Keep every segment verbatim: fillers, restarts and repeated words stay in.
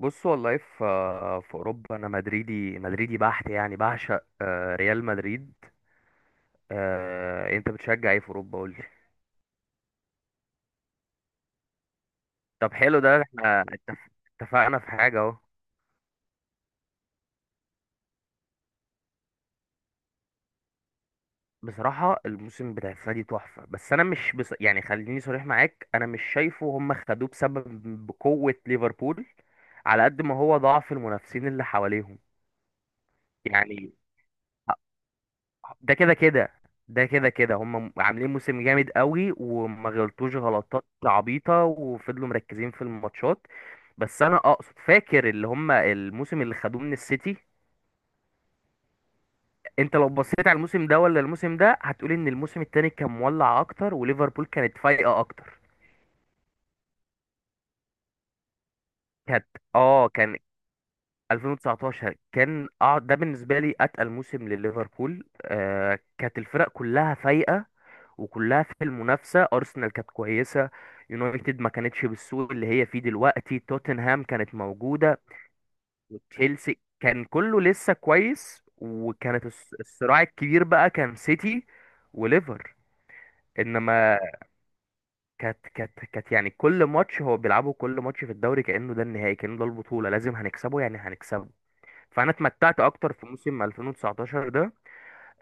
بص، والله في في اوروبا انا مدريدي مدريدي بحت، يعني بعشق آه، ريال مدريد. آه، انت بتشجع ايه في اوروبا؟ قول لي. طب حلو ده، احنا اتف- اتفقنا في حاجه اهو. بصراحه الموسم بتاع السنه دي تحفه، بس انا مش بص... يعني خليني صريح معاك، انا مش شايفه هم خدوه بسبب بقوه ليفربول، على قد ما هو ضعف المنافسين اللي حواليهم. يعني ده كده كده، ده كده كده هم عاملين موسم جامد قوي، وما غلطوش غلطات عبيطة، وفضلوا مركزين في الماتشات. بس انا اقصد، فاكر اللي هم الموسم اللي خدوه من السيتي. انت لو بصيت على الموسم ده ولا الموسم ده هتقول ان الموسم التاني كان مولع اكتر وليفربول كانت فايقة اكتر. كانت اه كان ألفين وتسعتاشر كان اه ده بالنسبة لي اتقل موسم لليفربول. آه، كانت الفرق كلها فايقة وكلها في المنافسة. أرسنال كانت كويسة، يونايتد ما كانتش بالسوء اللي هي فيه دلوقتي، توتنهام كانت موجودة، وتشيلسي كان كله لسه كويس. وكانت الص- الصراع الكبير بقى كان سيتي وليفر انما. كانت كانت كانت، يعني كل ماتش هو بيلعبه، كل ماتش في الدوري كأنه ده النهائي، كأنه ده البطولة لازم هنكسبه يعني هنكسبه. فانا اتمتعت اكتر في موسم ألفين وتسعتاشر ده.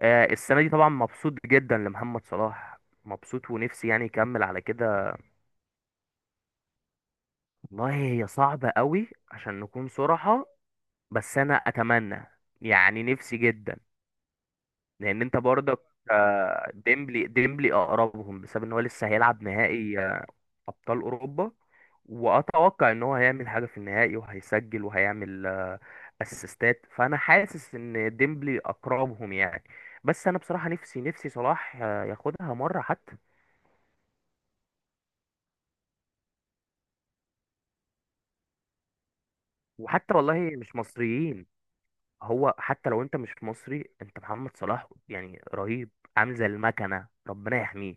آه، السنة دي طبعا مبسوط جدا لمحمد صلاح، مبسوط، ونفسي يعني يكمل على كده. والله هي صعبة قوي عشان نكون صراحة. بس أنا أتمنى، يعني نفسي جدا. لأن أنت برضك. آه، ديمبلي ديمبلي أقربهم بسبب إن هو لسه هيلعب نهائي آه، أبطال أوروبا، وأتوقع إن هو هيعمل حاجة في النهائي وهيسجل وهيعمل آه، أسيستات، فأنا حاسس إن ديمبلي أقربهم يعني. بس أنا بصراحة نفسي نفسي صلاح آه، ياخدها مرة حتى. وحتى والله مش مصريين، هو حتى لو انت مش مصري انت محمد صلاح يعني رهيب. عامل زي المكنه، ربنا يحميه.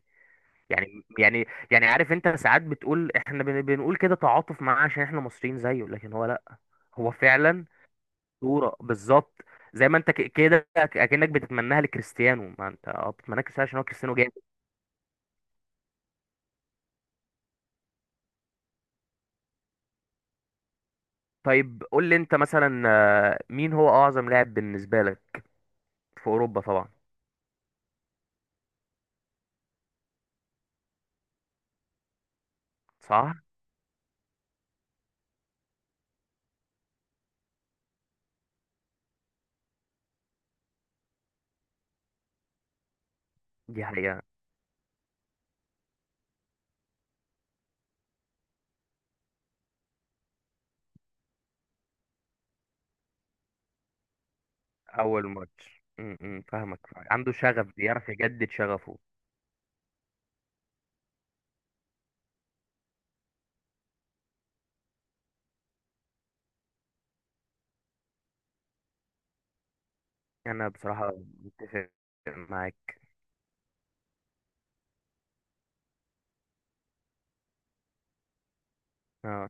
يعني يعني يعني عارف، انت ساعات بتقول احنا بن- بنقول كده تعاطف معاه عشان احنا مصريين زيه، لكن هو لا. هو فعلا صوره بالظبط. زي ما انت ك- كده اكنك بتتمناها لكريستيانو، ما انت اه بتتمناها لكريستيانو عشان هو كريستيانو جامد. طيب، قول لي انت مثلا آه، مين هو اعظم لاعب بالنسبه لك، في اوروبا طبعا؟ صح. دي حقيقه. اول ماتش م- م، فاهمك، عنده شغف بيعرف يجدد شغفه. انا بصراحه متفق معاك. آه،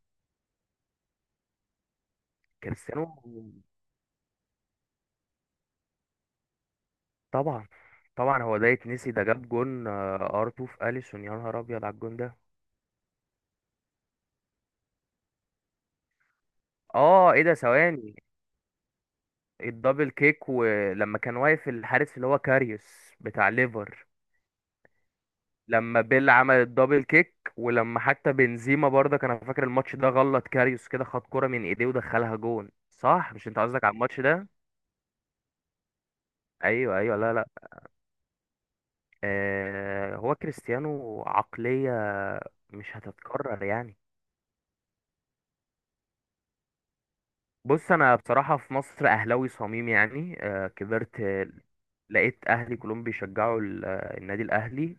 كريستيانو طبعا. طبعا هو ده يتنسي؟ ده جاب جون ار اتنين في اليسون، يا نهار ابيض على الجون ده. اه ايه ده، ثواني. الدبل كيك، ولما كان واقف الحارس اللي هو كاريوس بتاع ليفر. لما بيل عمل الدبل كيك، ولما حتى بنزيما برضه كان، أنا فاكر الماتش ده، غلط كاريوس كده، خد كرة من ايديه ودخلها جون. صح، مش انت قصدك على الماتش ده؟ ايوه ايوه، لا لا. آه، هو كريستيانو عقلية مش هتتكرر يعني. بص انا بصراحة في مصر اهلاوي صميم، يعني آه، كبرت آه، لقيت اهلي كلهم بيشجعوا ال- آه، النادي الاهلي.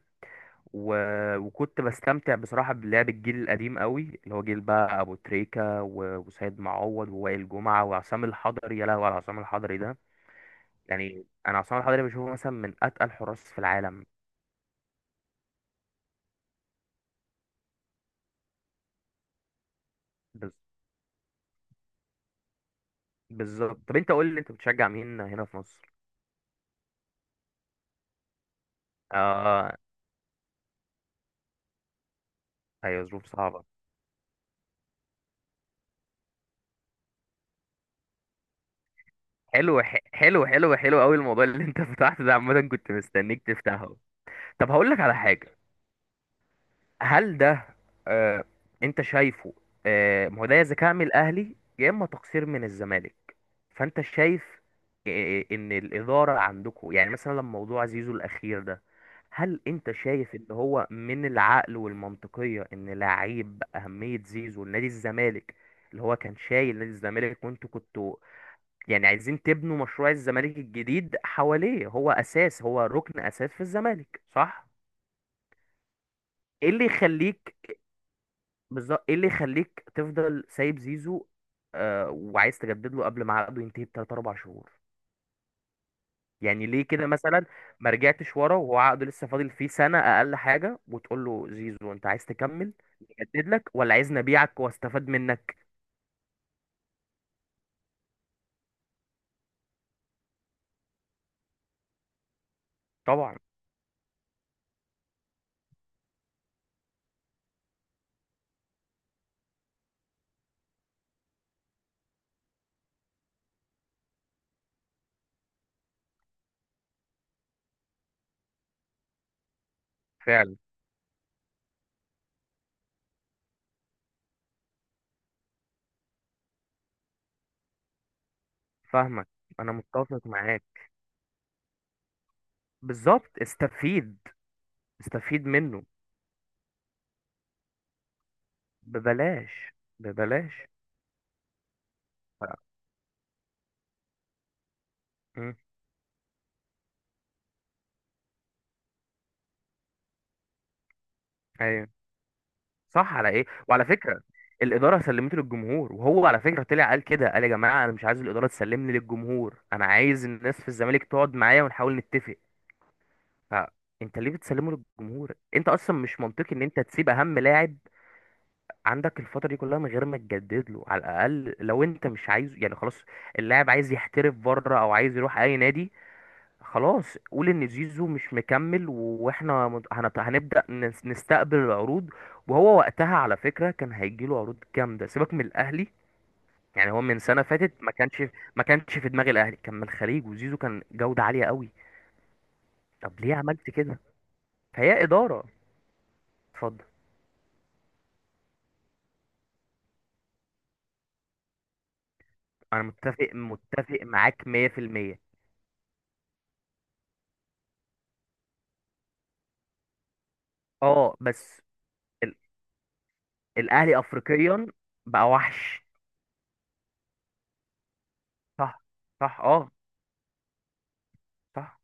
و- وكنت بستمتع بصراحة بلعب الجيل القديم قوي، اللي هو جيل بقى ابو تريكة و- وسيد معوض ووائل جمعة وعصام الحضري. يا لهوي على عصام الحضري ده! يعني انا عصام الحضري بشوفه مثلا من اتقل حراس في العالم. بز- بالظبط. طب انت قول لي، انت بتشجع مين هنا في مصر؟ آه. ايوه، ظروف صعبة. حلو، ح- حلو حلو حلو قوي الموضوع اللي انت فتحته ده، عامة كنت مستنيك تفتحه. طب هقول لك على حاجة. هل ده، آه، انت شايفه؟ آه، ما هو ده يا ذكاء من الاهلي يا اما تقصير من الزمالك. فانت شايف آه، ان الإدارة عندكم، يعني مثلا لما موضوع زيزو الأخير ده، هل انت شايف ان هو من العقل والمنطقية ان لعيب بأهمية زيزو لنادي الزمالك، اللي هو كان شايل نادي الزمالك، وانتوا كنتوا يعني عايزين تبنوا مشروع الزمالك الجديد حواليه، هو اساس، هو ركن اساس في الزمالك، صح؟ ايه اللي يخليك، بالظبط، ايه اللي يخليك تفضل سايب زيزو آه وعايز تجدد له قبل ما عقده ينتهي بتلات اربع شهور؟ يعني ليه كده مثلا؟ ما رجعتش ورا وهو عقده لسه فاضل فيه سنة اقل حاجة وتقول له زيزو انت عايز تكمل نجدد لك، ولا عايز نبيعك واستفاد منك؟ طبعا. فعلا. فاهمك. انا متفق معاك بالظبط. استفيد، استفيد منه. ببلاش ببلاش. ف- مم. ايوه صح، على ايه، وعلى فكره الاداره سلمته للجمهور. وهو على فكره طلع قال كده، قال: يا جماعه انا مش عايز الاداره تسلمني للجمهور، انا عايز الناس في الزمالك تقعد معايا ونحاول نتفق. فانت ليه بتسلمه للجمهور؟ انت اصلا مش منطقي ان انت تسيب اهم لاعب عندك الفتره دي كلها من غير ما تجدد له. على الاقل، لو انت مش عايز يعني خلاص، اللاعب عايز يحترف بره او عايز يروح اي نادي، خلاص قول ان زيزو مش مكمل واحنا مت- هنت- هنبدأ نس- نستقبل العروض. وهو وقتها على فكرة كان هيجيله عروض جامدة، سيبك من الاهلي، يعني هو من سنة فاتت ما كانش ما كانش في دماغ الاهلي، كان من الخليج، وزيزو كان جودة عالية قوي. طب ليه عملت كده؟ فهي إدارة. اتفضل. انا متفق متفق معاك مية في المية. اه، بس ال- الاهلي افريقيا بقى وحش. صح صح اه صح.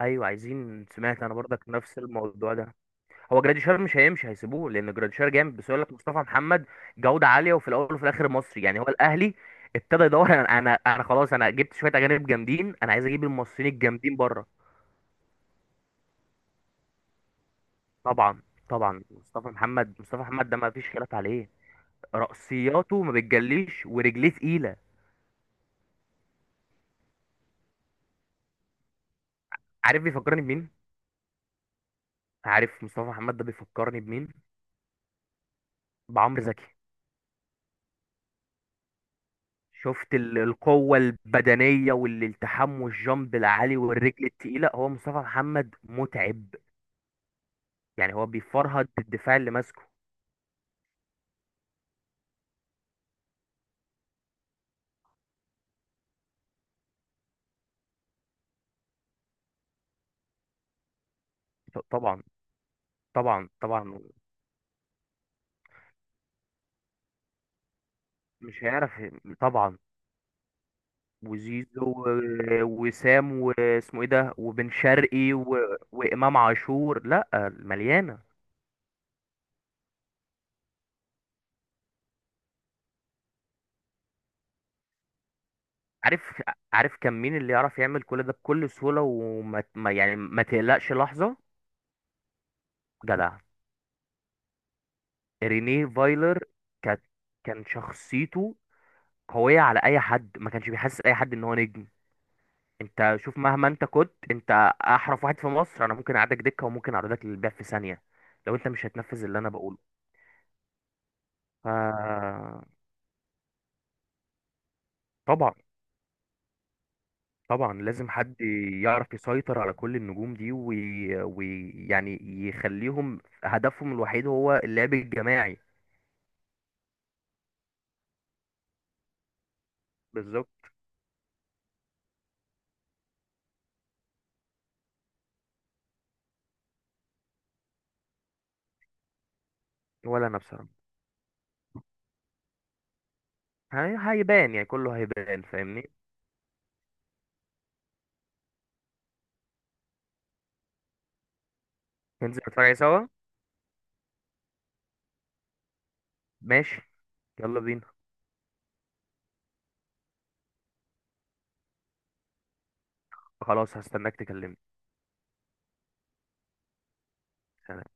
ايوه عايزين، سمعت انا برضك نفس الموضوع ده. هو جراديشار مش هيمشي، هيسيبوه لان جراديشار جامد، بس يقول لك مصطفى محمد جوده عاليه، وفي الاول وفي الاخر مصري. يعني هو الاهلي ابتدى يدور، انا انا انا خلاص انا جبت شويه اجانب جامدين، انا عايز اجيب المصريين الجامدين بره. طبعا. طبعا مصطفى محمد، مصطفى محمد ده ما فيش خلاف عليه. رأسياته ما بتجليش ورجليه تقيله. عارف بيفكرني بمين؟ عارف مصطفى محمد ده بيفكرني بمين؟ بعمرو زكي. شفت ال- القوة البدنية والالتحام والجامب العالي والرجل التقيلة؟ هو مصطفى محمد متعب، يعني هو بيفرهد الدفاع اللي ماسكه. ط- طبعا طبعا طبعا مش هيعرف. طبعا. وزيزو و- وسام واسمه ايه ده وبن شرقي و... وامام عاشور. لا، مليانه. عارف، عارف كان مين اللي يعرف يعمل كل ده بكل سهوله، وما ما- يعني ما تقلقش لحظه. جدع. رينيه فايلر. كانت كان شخصيته قويه على اي حد، ما كانش بيحسس اي حد ان هو نجم. انت شوف، مهما انت كنت، انت احرف واحد في مصر، انا ممكن اعدك دكه وممكن اعرضك للبيع في ثانيه لو انت مش هتنفذ اللي انا بقوله. ف طبعا. طبعا لازم حد يعرف يسيطر على كل النجوم دي ويعني وي... يعني يخليهم هدفهم الوحيد هو اللعب الجماعي. بالظبط. ولا انا بصراحه، هي... هيبان، يعني كله هيبان، فاهمني. ننزل نتفرج عليه سوا. ماشي، يلا بينا. خلاص هستناك تكلمني. سلام.